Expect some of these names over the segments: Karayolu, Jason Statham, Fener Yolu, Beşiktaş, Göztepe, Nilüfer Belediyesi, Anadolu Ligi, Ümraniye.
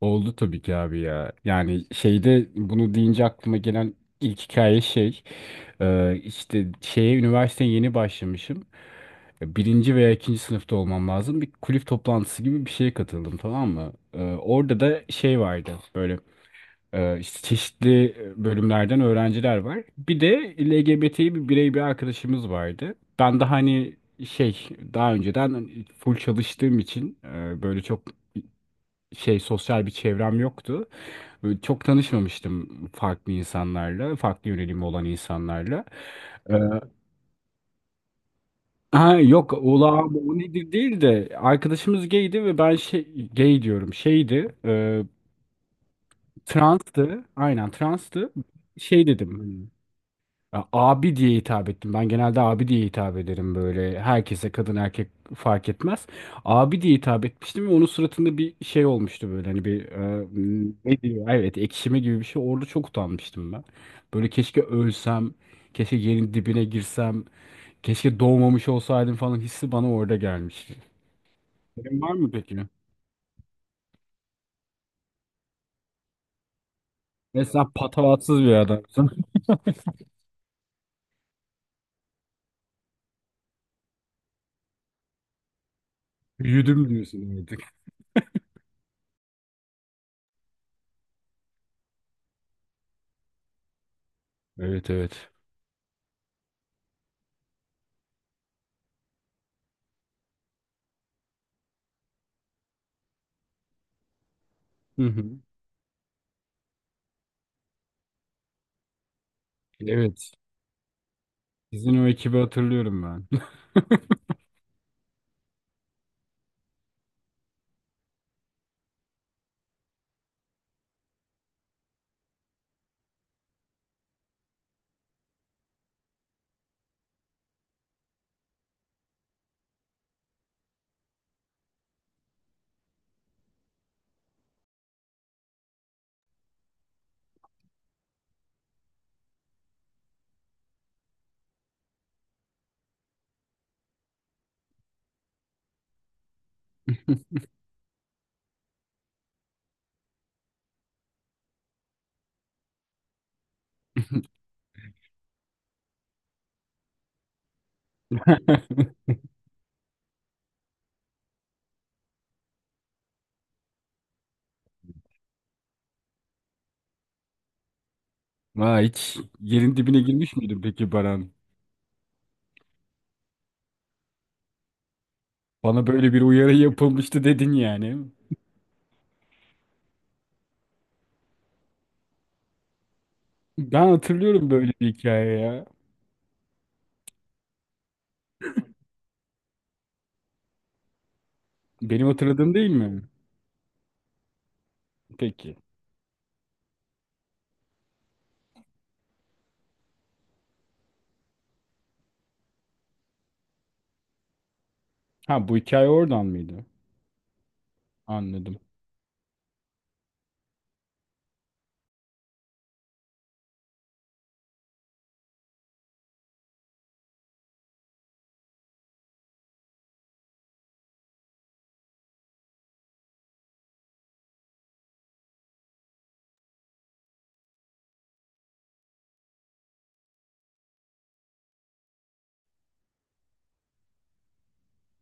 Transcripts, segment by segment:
Oldu tabii ki abi ya. Yani şeyde bunu deyince aklıma gelen ilk hikaye şey. İşte şeye üniversiteye yeni başlamışım. Birinci veya ikinci sınıfta olmam lazım. Bir kulüp toplantısı gibi bir şeye katıldım, tamam mı? Orada da şey vardı böyle işte çeşitli bölümlerden öğrenciler var. Bir de LGBT'yi bir birey bir arkadaşımız vardı. Ben de hani şey, daha önceden full çalıştığım için böyle çok şey, sosyal bir çevrem yoktu. Böyle çok tanışmamıştım farklı insanlarla, farklı yönelimi olan insanlarla. Ee, ha yok ulağım o nedir değil de, arkadaşımız gaydi ve ben şey, gay diyorum, şeydi transtı, aynen transtı. Şey dedim, ya abi diye hitap ettim. Ben genelde abi diye hitap ederim böyle. Herkese, kadın erkek fark etmez. Abi diye hitap etmiştim ve onun suratında bir şey olmuştu böyle. Hani bir ne diyor? Evet, ekşime gibi bir şey. Orada çok utanmıştım ben. Böyle keşke ölsem. Keşke yerin dibine girsem. Keşke doğmamış olsaydım falan hissi bana orada gelmişti. Senin var mı peki? Ve sen patavatsız bir adamsın. Büyüdüm diyorsun artık. Evet, evet. Hı hı. Evet. Sizin o ekibi hatırlıyorum ben. Ha, hiç yerin dibine girmiş miydin peki Baran? Bana böyle bir uyarı yapılmıştı dedin yani. Ben hatırlıyorum böyle bir hikaye ya. Benim hatırladığım değil mi? Peki. Ha, bu hikaye oradan mıydı? Anladım.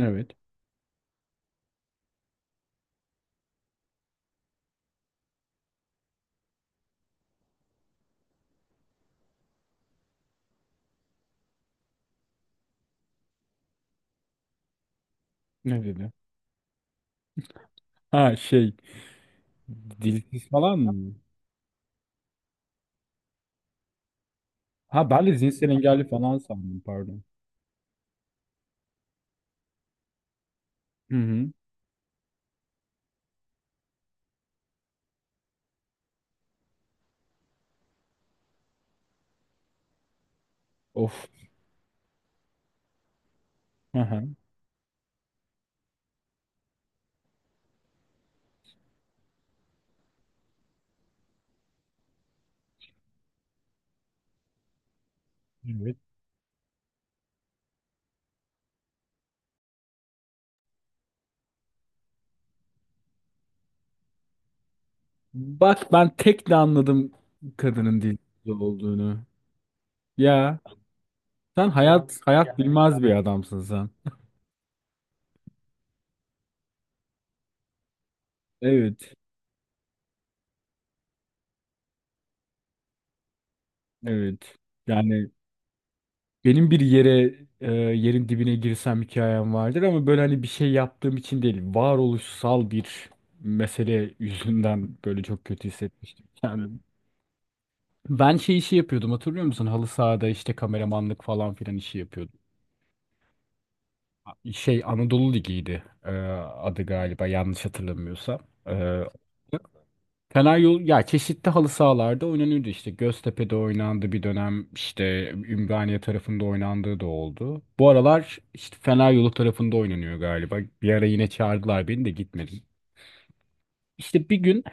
Evet. Ne dedi? Ha şey. Dilsiz falan mı? Ha, ben de zihinsel engelli falan sandım, pardon. Hı hı. Of. Hı hı. Evet. Bak ben tek de anladım kadının dilsiz olduğunu. Ya. Sen hayat hayat yani bilmez bir adamsın sen. Evet, evet. Yani benim bir yere yerin dibine girsem hikayem vardır ama böyle hani bir şey yaptığım için değil, varoluşsal bir mesele yüzünden böyle çok kötü hissetmiştim kendimi. Ben şey işi yapıyordum, hatırlıyor musun? Halı sahada işte kameramanlık falan filan işi yapıyordum. Şey Anadolu Ligi'ydi adı, galiba yanlış hatırlamıyorsam. E, Karayolu ya, çeşitli halı sahalarda oynanıyordu. İşte Göztepe'de oynandı bir dönem, işte Ümraniye tarafında oynandığı da oldu. Bu aralar işte Fener Yolu tarafında oynanıyor galiba. Bir ara yine çağırdılar, beni de gitmedim. İşte bir gün,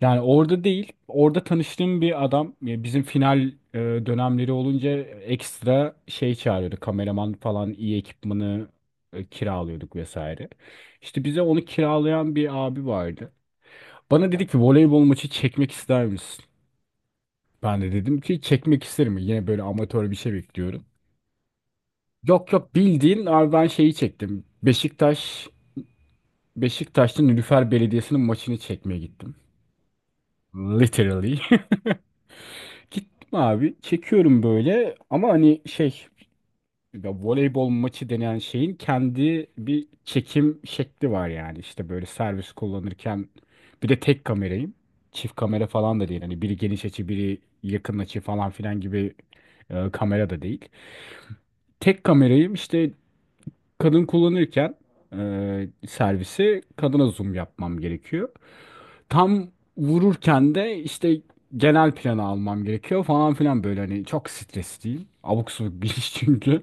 yani orada değil, orada tanıştığım bir adam ya, bizim final e, dönemleri olunca ekstra şey çağırıyordu, kameraman falan. İyi ekipmanı kiralıyorduk vesaire. İşte bize onu kiralayan bir abi vardı. Bana dedi ki voleybol maçı çekmek ister misin? Ben de dedim ki çekmek isterim. Yine böyle amatör bir şey bekliyorum. Yok yok, bildiğin abi, ben şeyi çektim. Beşiktaş'ta Nilüfer Belediyesi'nin maçını çekmeye gittim. Literally. Gittim abi. Çekiyorum böyle ama hani şey, ya voleybol maçı denen şeyin kendi bir çekim şekli var yani. İşte böyle servis kullanırken, bir de tek kamerayım. Çift kamera falan da değil. Hani biri geniş açı, biri yakın açı falan filan gibi kamera da değil. Tek kamerayı işte kadın kullanırken servisi kadına zoom yapmam gerekiyor. Tam vururken de işte genel planı almam gerekiyor falan filan. Böyle hani çok stresliyim. Abuk subuk bir iş çünkü.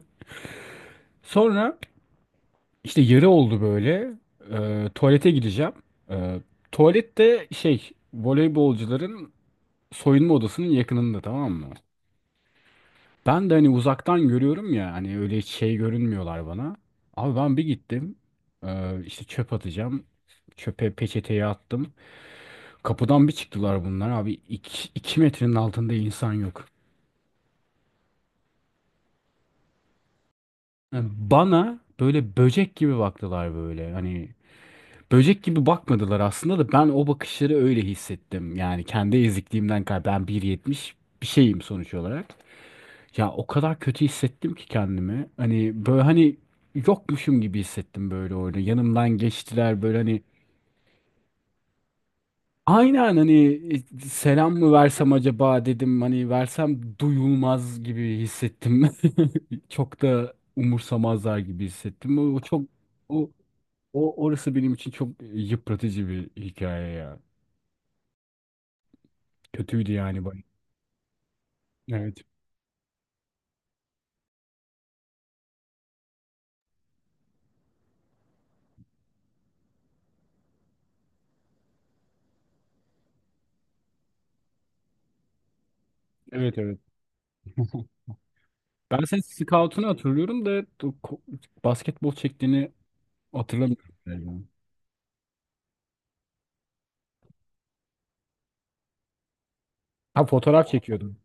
Sonra işte yarı oldu böyle. Tuvalete gideceğim. E, Tuvalette, şey, voleybolcuların soyunma odasının yakınında, tamam mı? Ben de hani uzaktan görüyorum ya, hani öyle hiç şey görünmüyorlar bana. Abi ben bir gittim işte çöp atacağım. Çöpe peçeteyi attım. Kapıdan bir çıktılar bunlar abi. İki iki metrenin altında insan yok. Yani bana böyle böcek gibi baktılar böyle. Hani böcek gibi bakmadılar aslında da, ben o bakışları öyle hissettim. Yani kendi ezikliğimden kaynaklı. Ben 1,70 bir şeyim sonuç olarak. Ya o kadar kötü hissettim ki kendimi. Hani böyle hani yokmuşum gibi hissettim böyle orada. Yanımdan geçtiler böyle hani, aynen hani, selam mı versem acaba dedim. Hani versem duyulmaz gibi hissettim. Çok da umursamazlar gibi hissettim. O, o orası benim için çok yıpratıcı bir hikaye ya. Kötüydü yani bana. Evet. Evet evet. Ben senin scout'unu hatırlıyorum da o ko- basketbol çektiğini. Hatırlamıyorum galiba. Ha, fotoğraf çekiyordum.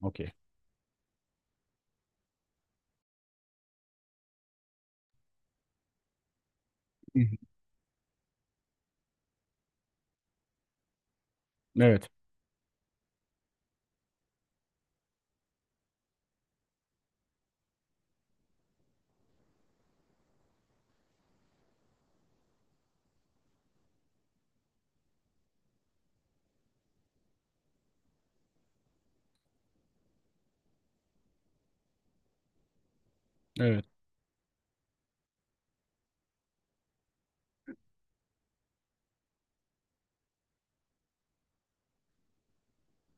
Okey. Hı hı. Evet. Evet.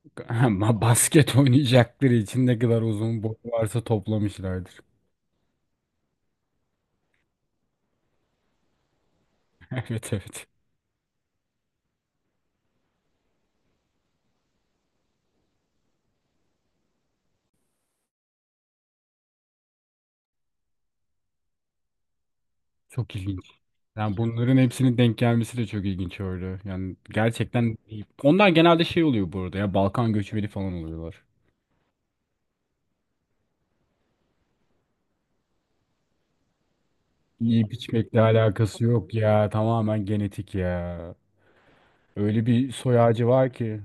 Ama basket oynayacakları için ne kadar uzun boy varsa toplamışlardır. Evet, evet. Çok ilginç. Yani bunların hepsinin denk gelmesi de çok ilginç öyle. Yani gerçekten iyi. Onlar genelde şey oluyor burada ya, Balkan göçmeni falan oluyorlar. Yiyip içmekle alakası yok ya. Tamamen genetik ya. Öyle bir soy ağacı var ki.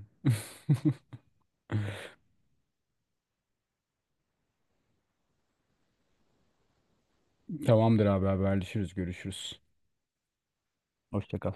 Tamamdır abi, haberleşiriz, görüşürüz. Hoşça kal.